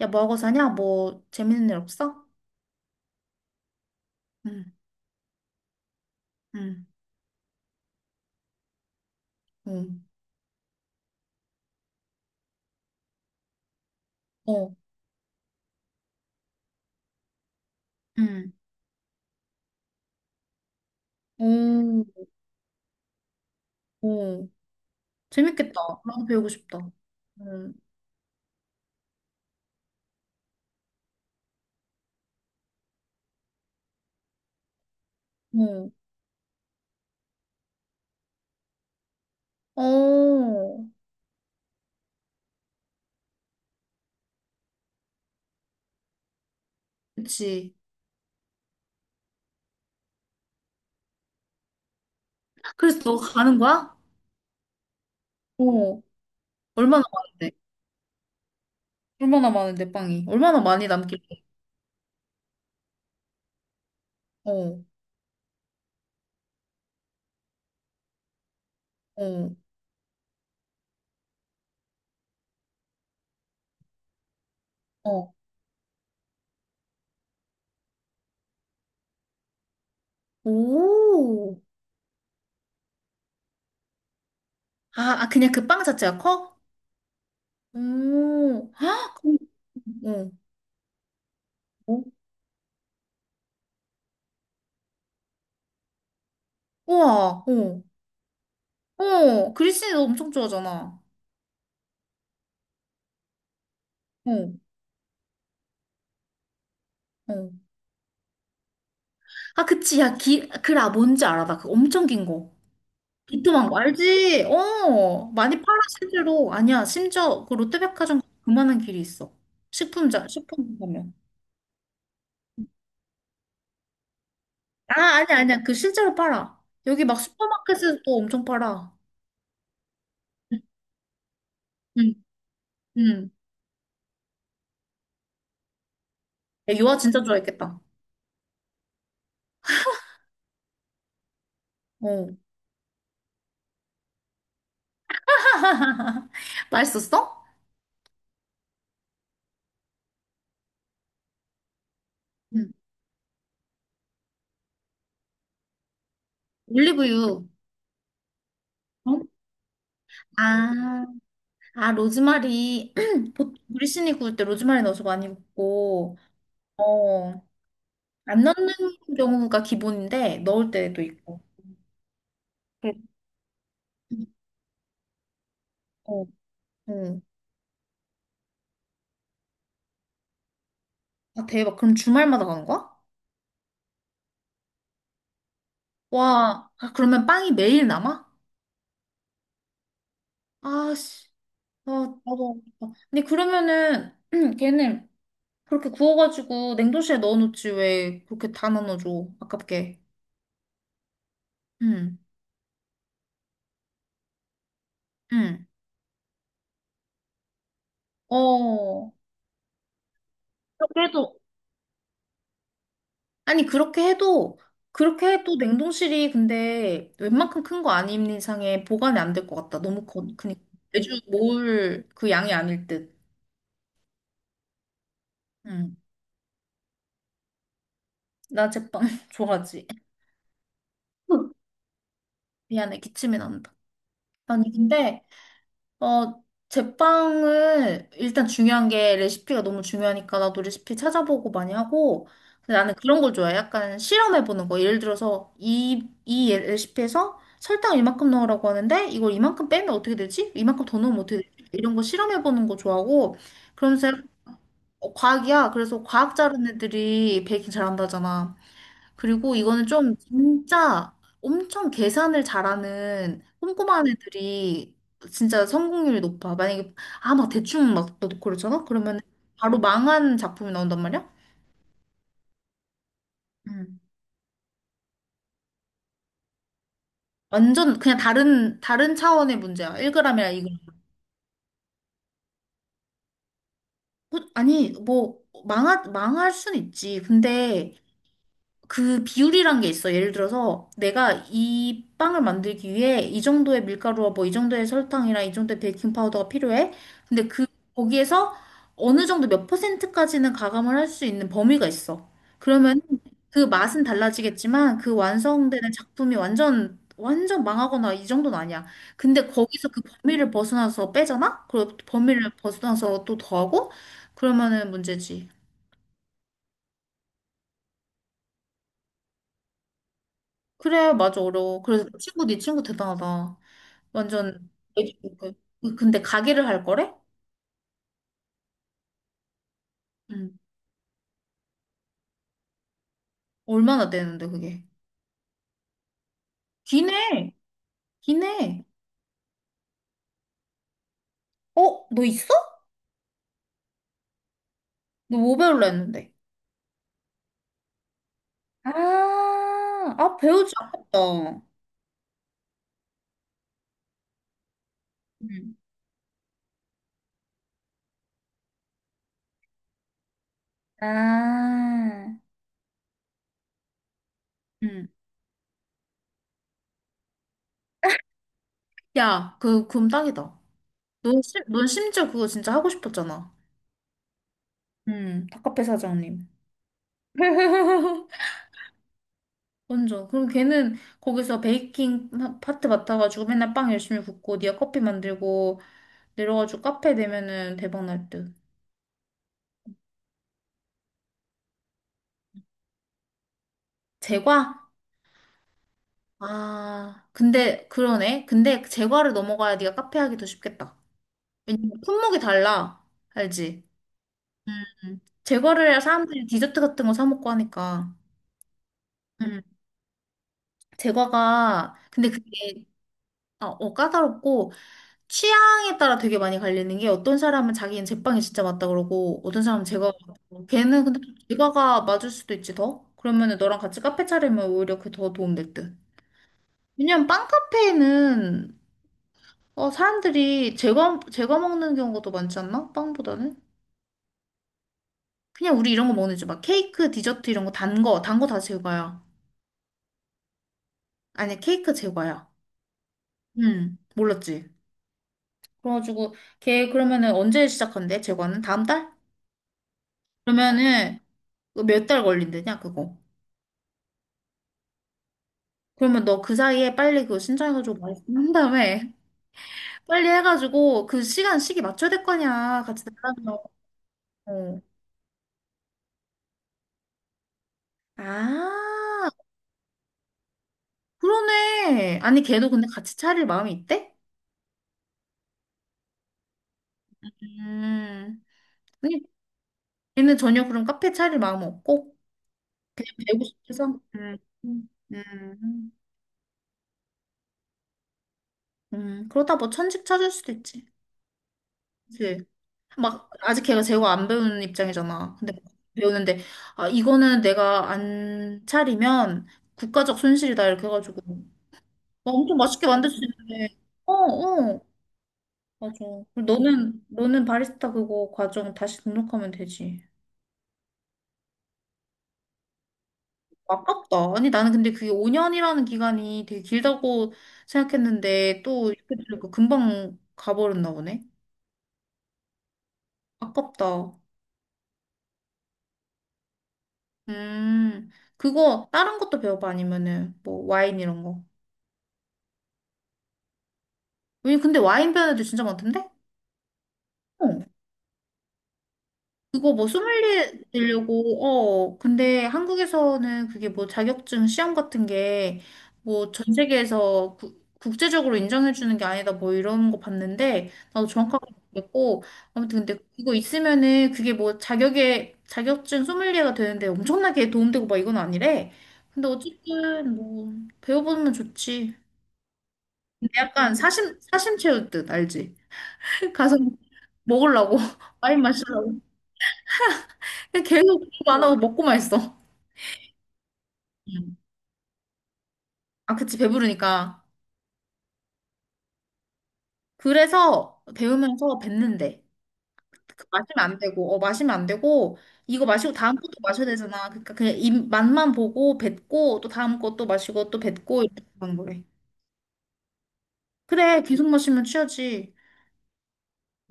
야, 뭐 하고 사냐? 뭐 재밌는 일 없어? 응, 응, 응. 어. 응. 오, 오. 재밌겠다. 나도 배우고 싶다. 응. 어. 어. 그치. 그래서 너 가는 거야? 어. 얼마나 많은데? 얼마나 많은데, 빵이? 얼마나 많이 남길래? 어. 어. 어. 오. 아, 아, 그냥 그 빵 자체가 커? 오. 아, 그럼, 어. 어? 우와. 어. 어. 그리스 너 엄청 좋아하잖아. 어, 어. 아, 그치. 야, 뭔지 알아. 나그 엄청 긴 거. 비톰만거 알지? 어, 많이 팔아, 실제로. 아니야, 심지어 그 롯데백화점 그만한 길이 있어. 식품 가면. 아, 아니야, 아니야. 그 실제로 팔아. 여기 막 슈퍼마켓에서도 엄청 팔아. 응, 응. 응. 야, 유아 진짜 좋아했겠다. 어. 맛있었어? 응. 올리브유. 어? 아, 아, 로즈마리. 보통 우리 신이 구울 때 로즈마리 넣어서 많이 굽고, 어, 안 넣는 경우가 기본인데 넣을 때도 있고. 그래. 어, 어. 아, 대박. 그럼 주말마다 가는 거야? 와, 아, 그러면 빵이 매일 남아? 아, 씨. 아, 나도. 안 먹겠다. 근데 그러면은 걔는 그렇게 구워가지고 냉동실에 넣어놓지 왜 그렇게 다 나눠줘? 아깝게. 응, 응. 어. 그래도 아니, 그렇게 해도, 그렇게 해도 냉동실이 근데 웬만큼 큰 거 아닌 이상에 보관이 안 될 것 같다. 너무 커, 크니까. 매주 모을 그 양이 아닐 듯. 응. 나 제빵 좋아하지. 미안해, 기침이 난다. 아니, 근데 어, 제빵은 일단 중요한 게 레시피가 너무 중요하니까 나도 레시피 찾아보고 많이 하고, 근데 나는 그런 걸 좋아해. 약간 실험해보는 거. 예를 들어서 레시피에서 설탕을 이만큼 넣으라고 하는데 이걸 이만큼 빼면 어떻게 되지? 이만큼 더 넣으면 어떻게 되지? 이런 거 실험해보는 거 좋아하고, 그러면서 어, 과학이야. 그래서 과학 잘하는 애들이 베이킹 잘한다잖아. 그리고 이거는 좀 진짜 엄청 계산을 잘하는 꼼꼼한 애들이 진짜 성공률이 높아. 만약에 아 막 대충 막 넣고 그러잖아? 그러면 바로 망한 작품이 나온단 말이야? 음. 완전 그냥 다른 차원의 문제야. 1g이라 이거. 어, 아니 뭐 망할 순 있지. 근데 그 비율이란 게 있어. 예를 들어서 내가 이 빵을 만들기 위해 이 정도의 밀가루와 뭐 이 정도의 설탕이랑 이 정도의 베이킹 파우더가 필요해. 근데 그 거기에서 어느 정도 몇 퍼센트까지는 가감을 할 수 있는 범위가 있어. 그러면 그 맛은 달라지겠지만 그 완성되는 작품이 완전 완전 망하거나 이 정도는 아니야. 근데 거기서 그 범위를 벗어나서 빼잖아? 그리고 또 범위를 벗어나서 또 더하고 그러면은 문제지. 그래, 맞아, 어려워. 그래서 네 친구 대단하다. 완전 애기 그- 근데 가게를 할 거래? 응. 얼마나 되는데 그게? 기네. 기네. 어? 너 있어? 너 뭐 배울라 했는데? 아, 아, 배우지 않았다. 응. 아, 응. 야, 그럼 딱이다 넌 심지어 그거 진짜 하고 싶었잖아. 응 닭카페 사장님. 완전. 그럼 걔는 거기서 파트 맡아가지고 맨날 빵 열심히 굽고, 니가 커피 만들고, 내려가지고 카페 내면은 대박 날 듯. 제과? 아, 근데 그러네. 근데 제과를 넘어가야 네가 카페 하기 더 쉽겠다. 왜냐면 품목이 달라. 알지? 음. 제과를 해야 사람들이 디저트 같은 거 사 먹고 하니까. 음. 제과가 근데 그게 어, 어, 까다롭고 취향에 따라 되게 많이 갈리는 게 어떤 사람은 자기는 제빵이 진짜 맞다 그러고 어떤 사람은 제과가 맞다고 걔는 근데 또 제과가 맞을 수도 있지 더? 그러면은 너랑 같이 카페 차리면 오히려 그게 더 도움 될 듯. 왜냐면 빵카페에는 어, 사람들이 제거 먹는 경우가 더 많지 않나? 빵보다는? 그냥 우리 이런 거 먹는 지막 케이크, 디저트 이런 거 단 거, 단거 다 제과야. 아니, 케이크 제과야. 응, 몰랐지? 그래가지고 걔 그러면은 언제 시작한대? 제과는? 다음 달? 그러면은 그 몇달 걸린대냐, 그거. 그러면 너 그 사이에 빨리 그거 신청해가지고 말씀 한 다음에 빨리 해가지고 시기 맞춰야 될 거냐. 같이 달라고. 아, 그러네. 아니, 걔도 근데 같이 차릴 마음이 있대? 음, 아니, 걔는 전혀 그런 카페 차릴 마음 없고, 그냥 배우고 싶어서. 음, 음, 음, 그러다 뭐 천직 찾을 수도 있지. 그치? 막, 아직 걔가 제고 안 배우는 입장이잖아. 근데 배우는데, 아, 이거는 내가 안 차리면 국가적 손실이다. 이렇게 해가지고. 막 엄청 맛있게 만들 수 있는데. 어, 어. 맞아. 그리고 너는 바리스타 그거 과정 다시 등록하면 되지. 아깝다. 아니, 나는 근데 그게 5년이라는 기간이 되게 길다고 생각했는데, 또 이렇게 들으니까 금방 가버렸나 보네. 아깝다. 음, 그거, 다른 것도 배워봐? 아니면은, 뭐, 와인 이런 거. 왜, 근데 와인 배우는 애들 진짜 많던데? 어. 그거 뭐 소믈리에 되려고 어 근데 한국에서는 그게 뭐 자격증 시험 같은 게 뭐 전 세계에서 국제적으로 인정해 주는 게 아니다 뭐 이런 거 봤는데 나도 정확하게 모르겠고 아무튼 근데 이거 있으면은 그게 뭐 자격에 자격증 소믈리에가 되는데 엄청나게 도움되고 막 이건 아니래 근데 어쨌든 뭐 배워보면 좋지 근데 약간 사심 사심 채울 듯 알지 가서 먹으려고 와인 마시려고 근데 계속 공부 안 하고 먹고만 있어 음. 아, 그치, 배부르니까. 그래서 배우면서 뱉는데. 그 마시면 안 되고, 어, 마시면 안 되고, 이거 마시고 다음 것도 마셔야 되잖아. 그러니까 그냥 입 맛만 보고 뱉고, 또 다음 것도 마시고, 또 뱉고, 이렇게 하는 거래. 그래, 계속 마시면 취하지.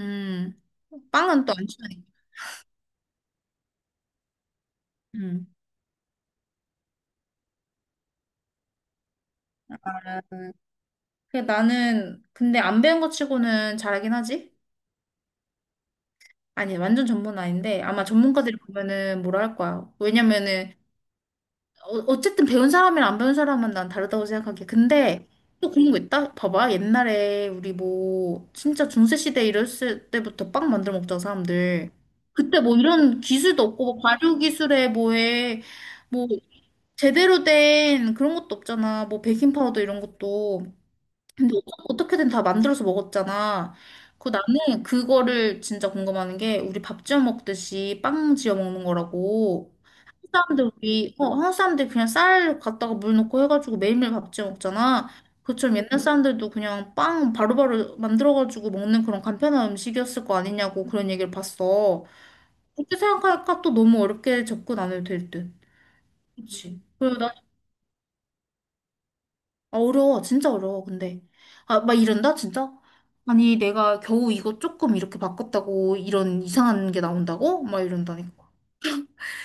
음, 빵은 또 안 취하니까. 음. 음, 그 나는, 근데 안 배운 것 치고는 잘하긴 하지? 아니, 완전 전문은 아닌데, 아마 전문가들이 보면은 뭐라 할 거야. 왜냐면은, 어, 어쨌든 배운 사람이랑 안 배운 사람은 난 다르다고 생각하기에. 근데 또 그런 거 있다? 봐봐. 옛날에 우리 뭐 진짜 중세시대 이랬을 때부터 빵 만들어 먹자, 사람들. 그때 뭐 이런 기술도 없고, 뭐 발효 기술에 뭐에, 뭐 제대로 된 그런 것도 없잖아. 뭐 베이킹 파우더 이런 것도. 근데 어떻게든 다 만들어서 먹었잖아. 그 나는 그거를 진짜 궁금한 게 우리 밥 지어 먹듯이 빵 지어 먹는 거라고. 한국 사람들 그냥 쌀 갖다가 물 넣고 해가지고 매일매일 밥 지어 먹잖아. 그처럼 옛날 사람들도 그냥 빵 바로바로 만들어가지고 먹는 그런 간편한 음식이었을 거 아니냐고 그런 얘기를 봤어. 그렇게 생각하니까 또 너무 어렵게 접근 안 해도 될 듯. 그렇지. 아, 어려워, 진짜 어려워, 근데. 아, 막 이런다, 진짜? 아니, 내가 겨우 이거 조금 이렇게 바꿨다고 이런 이상한 게 나온다고? 막 이런다니까.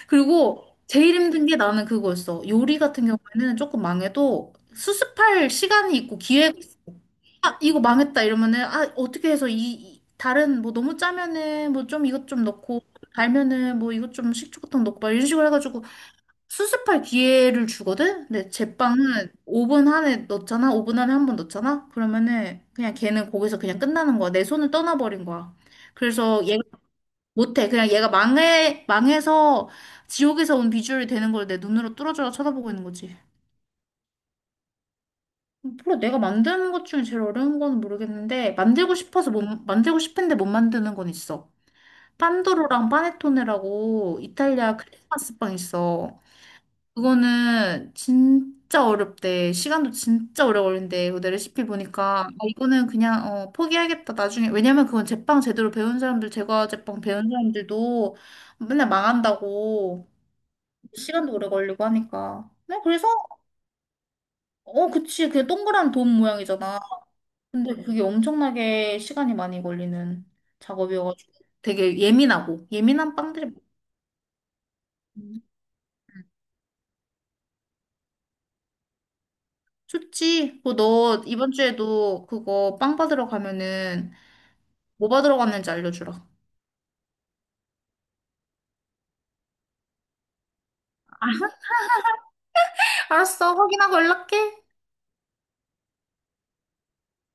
그리고 제일 힘든 게 나는 그거였어. 요리 같은 경우에는 조금 망해도 수습할 시간이 있고 기회가, 아, 이거 망했다 이러면은, 아, 어떻게 해서 다른, 뭐 너무 짜면은 뭐 좀 이것 좀 넣고, 달면은 뭐 이것 좀 식초부터 넣고, 막 이런 식으로 해가지고 수습할 기회를 주거든? 근데 제빵은 오 분 안에 넣잖아? 오 분 안에 한 번 넣잖아? 그러면은 그냥 걔는 거기서 그냥 끝나는 거야. 내 손을 떠나버린 거야. 그래서 얘가 못해. 그냥 얘가 망해서 지옥에서 온 비주얼이 되는 걸 내 눈으로 뚫어져라 쳐다보고 있는 거지. 몰라, 내가 만드는 것 중에 제일 어려운 건 모르겠는데, 만들고 싶은데 못 만드는 건 있어. 판도로랑 파네토네라고 이탈리아 크리스마스 빵 있어. 그거는 진짜 어렵대. 시간도 진짜 오래 걸린대. 그내 레시피 보니까. 아, 이거는 그냥, 어, 포기하겠다, 나중에. 왜냐면 그건 제빵 제대로 배운 사람들, 제과 제빵 배운 사람들도 맨날 망한다고. 시간도 오래 걸리고 하니까. 네, 그래서, 어, 그치. 그게 동그란 돔 모양이잖아. 근데 그게 엄청나게 시간이 많이 걸리는 작업이어가지고. 되게 예민하고, 예민한 빵들이 많거든. 좋지. 그너 이번 주에도 그거 빵 받으러 가면은 뭐 받으러 갔는지 알려주라. 알았어, 확인하고 연락해.